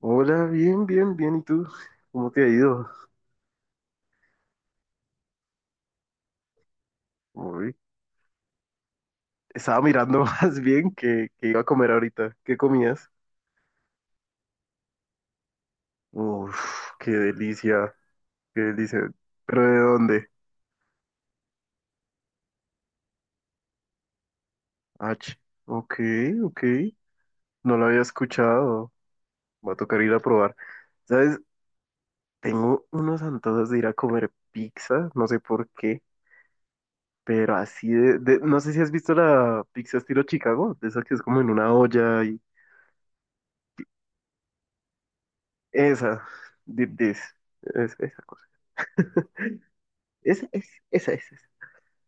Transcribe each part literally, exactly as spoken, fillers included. Hola, bien, bien, bien. ¿Y tú? ¿Cómo te ha ido? Uy, estaba mirando más bien que, que iba a comer ahorita. ¿Qué comías? Uf, qué delicia, qué delicia. ¿Pero de dónde? H. Ok, ok. No lo había escuchado. Va a tocar ir a probar. ¿Sabes? Tengo unos antojos de ir a comer pizza, no sé por qué, pero así de, de- no sé si has visto la pizza estilo Chicago, de esa que es como en una olla y... Esa, de, de- es- esa. Esa es, esa es, esa.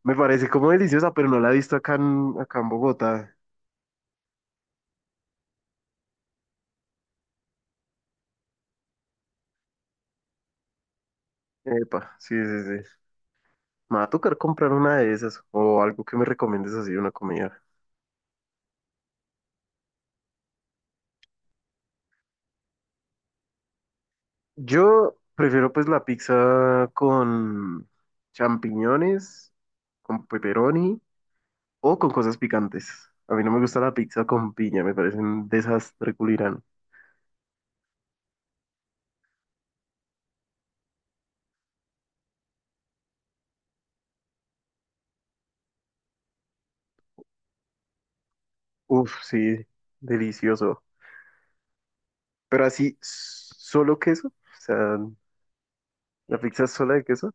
Me parece como deliciosa, pero no la he visto acá en, acá en Bogotá. Epa, sí, sí, sí. Me va a tocar comprar una de esas o algo que me recomiendes así, una comida. Yo prefiero pues la pizza con champiñones, con pepperoni o con cosas picantes. A mí no me gusta la pizza con piña, me parece un desastre culirán. Uf, sí, delicioso. Pero así, s- solo queso, o sea, la pizza sola de queso.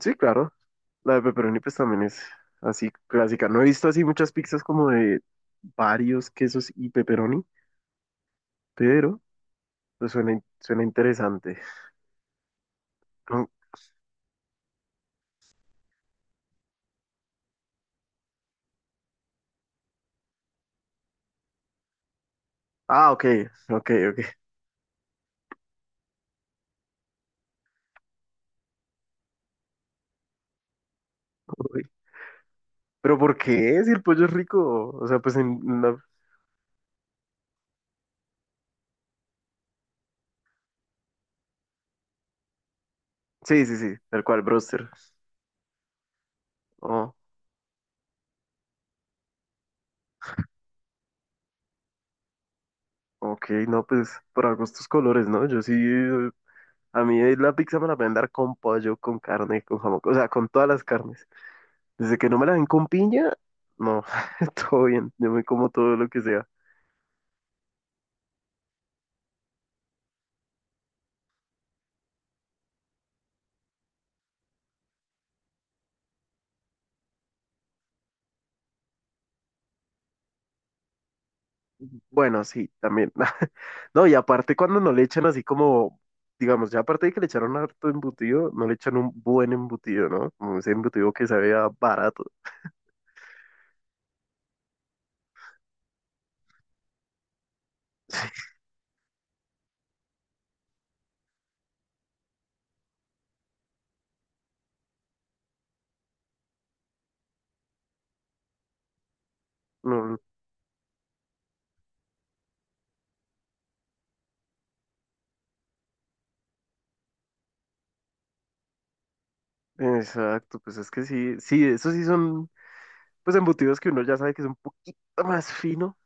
Sí, claro. La de pepperoni pues también es así clásica. No he visto así muchas pizzas como de varios quesos y pepperoni, pero pues suena, in- suena interesante. Mm. Ah, ok, ok, ok. Uy, pero ¿por qué? Si el pollo es rico. O sea, pues en una... Sí, sí, sí, tal cual, broster. Oh, ok, no, pues para gustos colores, ¿no? Yo sí, eh, a mí la pizza me la pueden dar con pollo, con carne, con jamón, o sea, con todas las carnes. Desde que no me la den con piña, no, todo bien, yo me como todo lo que sea. Bueno, sí, también. No, y aparte cuando no le echan así como, digamos, ya aparte de que le echaron harto embutido, no le echan un buen embutido, ¿no? Como ese embutido que sabía barato. No, exacto, pues es que sí, sí, esos sí son, pues embutidos que uno ya sabe que es un poquito más fino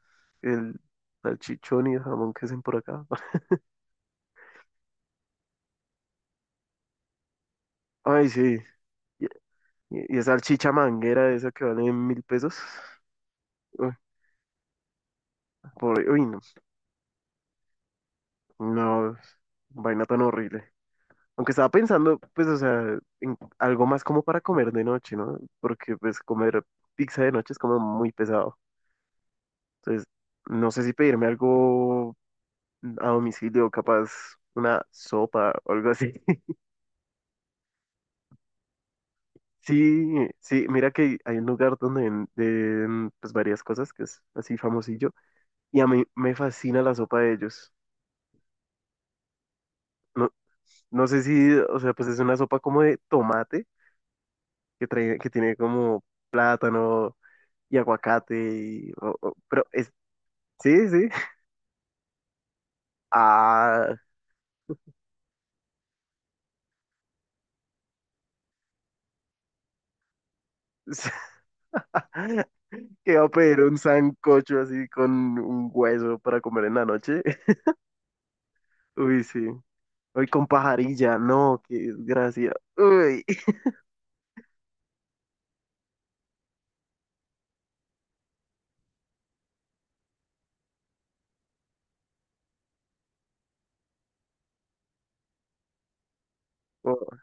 que el salchichón y el jamón que hacen por acá. Ay, sí, y, y esa salchicha manguera esa que vale mil pesos. Pobre- uy, no, no, vaina tan horrible. Aunque estaba pensando, pues, o sea, en algo más como para comer de noche, ¿no? Porque, pues, comer pizza de noche es como muy pesado. Entonces, no sé si pedirme algo a domicilio, capaz una sopa o algo así. Sí, sí, mira que hay un lugar donde venden, pues, varias cosas que es así famosillo. Y a mí me fascina la sopa de ellos. No, no sé si, o sea, pues es una sopa como de tomate que trae, que tiene como plátano y aguacate y, o- o- pero es, sí, sí. Ah, que va a pedir un sancocho así con un hueso para comer en la noche. Uy, sí. Hoy con pajarilla, no, qué desgracia. Uy, oh,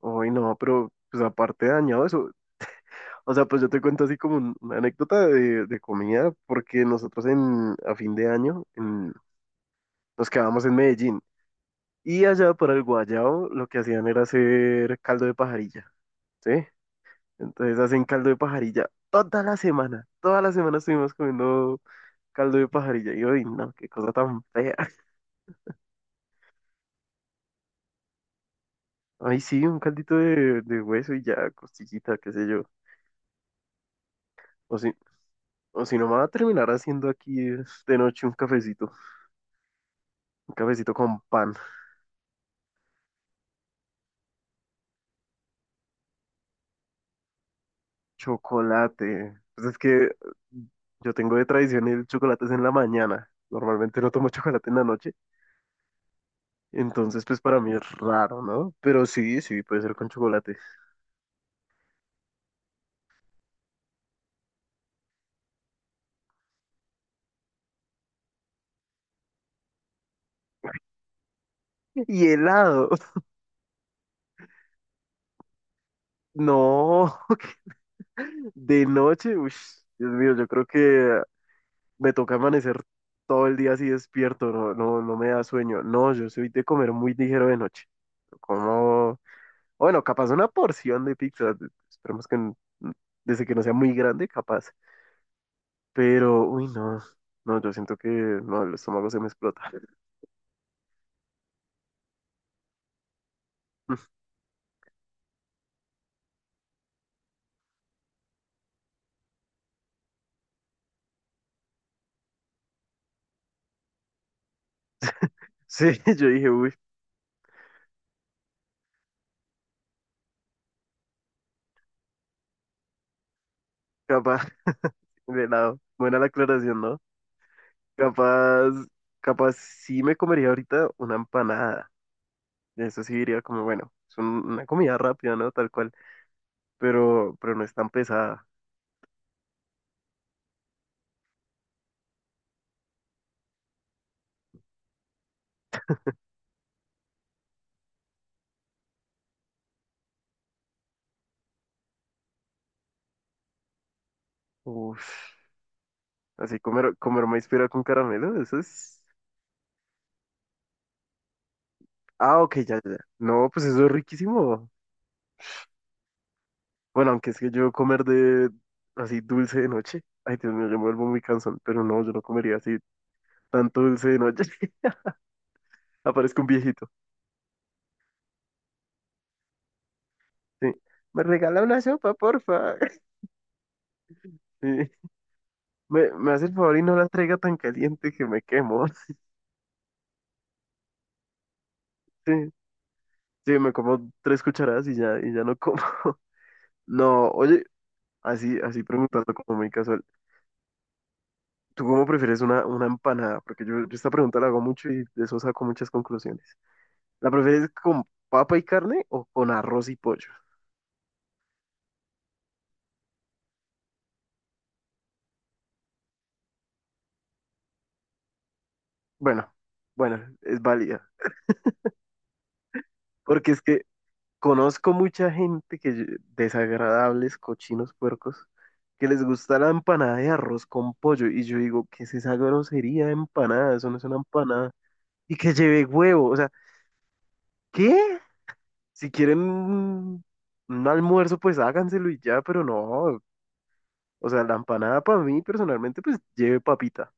uy, no, pero pues aparte de dañado eso. O sea, pues yo te cuento así como un- una anécdota de, de comida, porque nosotros en, a fin de año en- nos quedamos en Medellín. Y allá para el guayao lo que hacían era hacer caldo de pajarilla, ¿sí? Entonces hacen caldo de pajarilla toda la semana. Toda la semana estuvimos comiendo caldo de pajarilla. Y hoy, no, qué cosa tan fea. Ay, sí, un caldito de, de hueso y ya, costillita, qué sé yo. O si, o si no me va a terminar haciendo aquí eh, de noche un cafecito. Un cafecito con pan, chocolate. Pues es que yo tengo de tradición el chocolate es en la mañana. Normalmente no tomo chocolate en la noche. Entonces, pues para mí es raro, ¿no? Pero sí, sí, puede ser con chocolate. Y helado. No, de noche, uy, Dios mío, yo creo que me toca amanecer todo el día así despierto, no, no, no me da sueño. No, yo soy de comer muy ligero de noche. Como, bueno, capaz una porción de pizza, de- esperemos que n- desde que no sea muy grande, capaz. Pero, uy, no, no, yo siento que no, el estómago se me explota. Sí, yo dije, uy, capaz. Buena, buena la aclaración, ¿no? Capaz, capaz sí me comería ahorita una empanada. Eso sí diría como, bueno, es un- una comida rápida, ¿no? Tal cual, pero, pero no es tan pesada. Uf, así comer, comer maíz pira con caramelo, eso es... Ah, ok, ya, ya, ya. No, pues eso es riquísimo. Bueno, aunque es que yo comer de así dulce de noche. Ay, Dios mío, yo me vuelvo muy cansón, pero no, yo no comería así tanto dulce de noche. Aparezco un viejito. Sí. ¿Me regala una sopa, porfa? Sí. Me, me hace el favor y no la traiga tan caliente que me quemo. Sí, sí, me como tres cucharadas y ya, y ya no como. No, oye, así, así preguntando como muy casual. ¿Tú cómo prefieres una, una empanada? Porque yo, yo esta pregunta la hago mucho y de eso saco muchas conclusiones. ¿La prefieres con papa y carne o con arroz y pollo? Bueno, bueno, es válida. Porque es que conozco mucha gente que ll- desagradables, cochinos, puercos, que les gusta la empanada de arroz con pollo. Y yo digo, ¿qué es esa grosería de empanada? Eso no es una empanada. Y que lleve huevo. O sea, ¿qué? Si quieren un un almuerzo, pues háganselo y ya, pero no. O sea, la empanada para mí personalmente, pues lleve papita,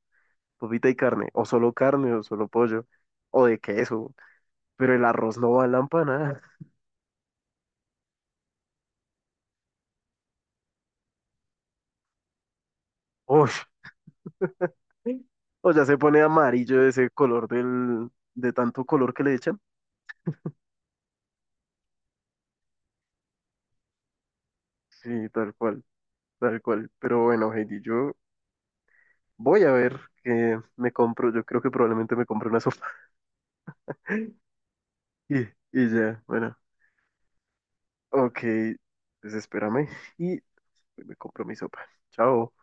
papita y carne, o solo carne, o solo pollo, o de queso. Pero el arroz no va en la empanada. Uy. O sea, se pone amarillo ese color del, de tanto color que le echan. Sí, tal cual, tal cual. Pero bueno, Heidi, yo voy a ver qué me compro. Yo creo que probablemente me compre una sopa. Y, y ya, bueno. Ok, pues espérame y me compro mi sopa. Chao.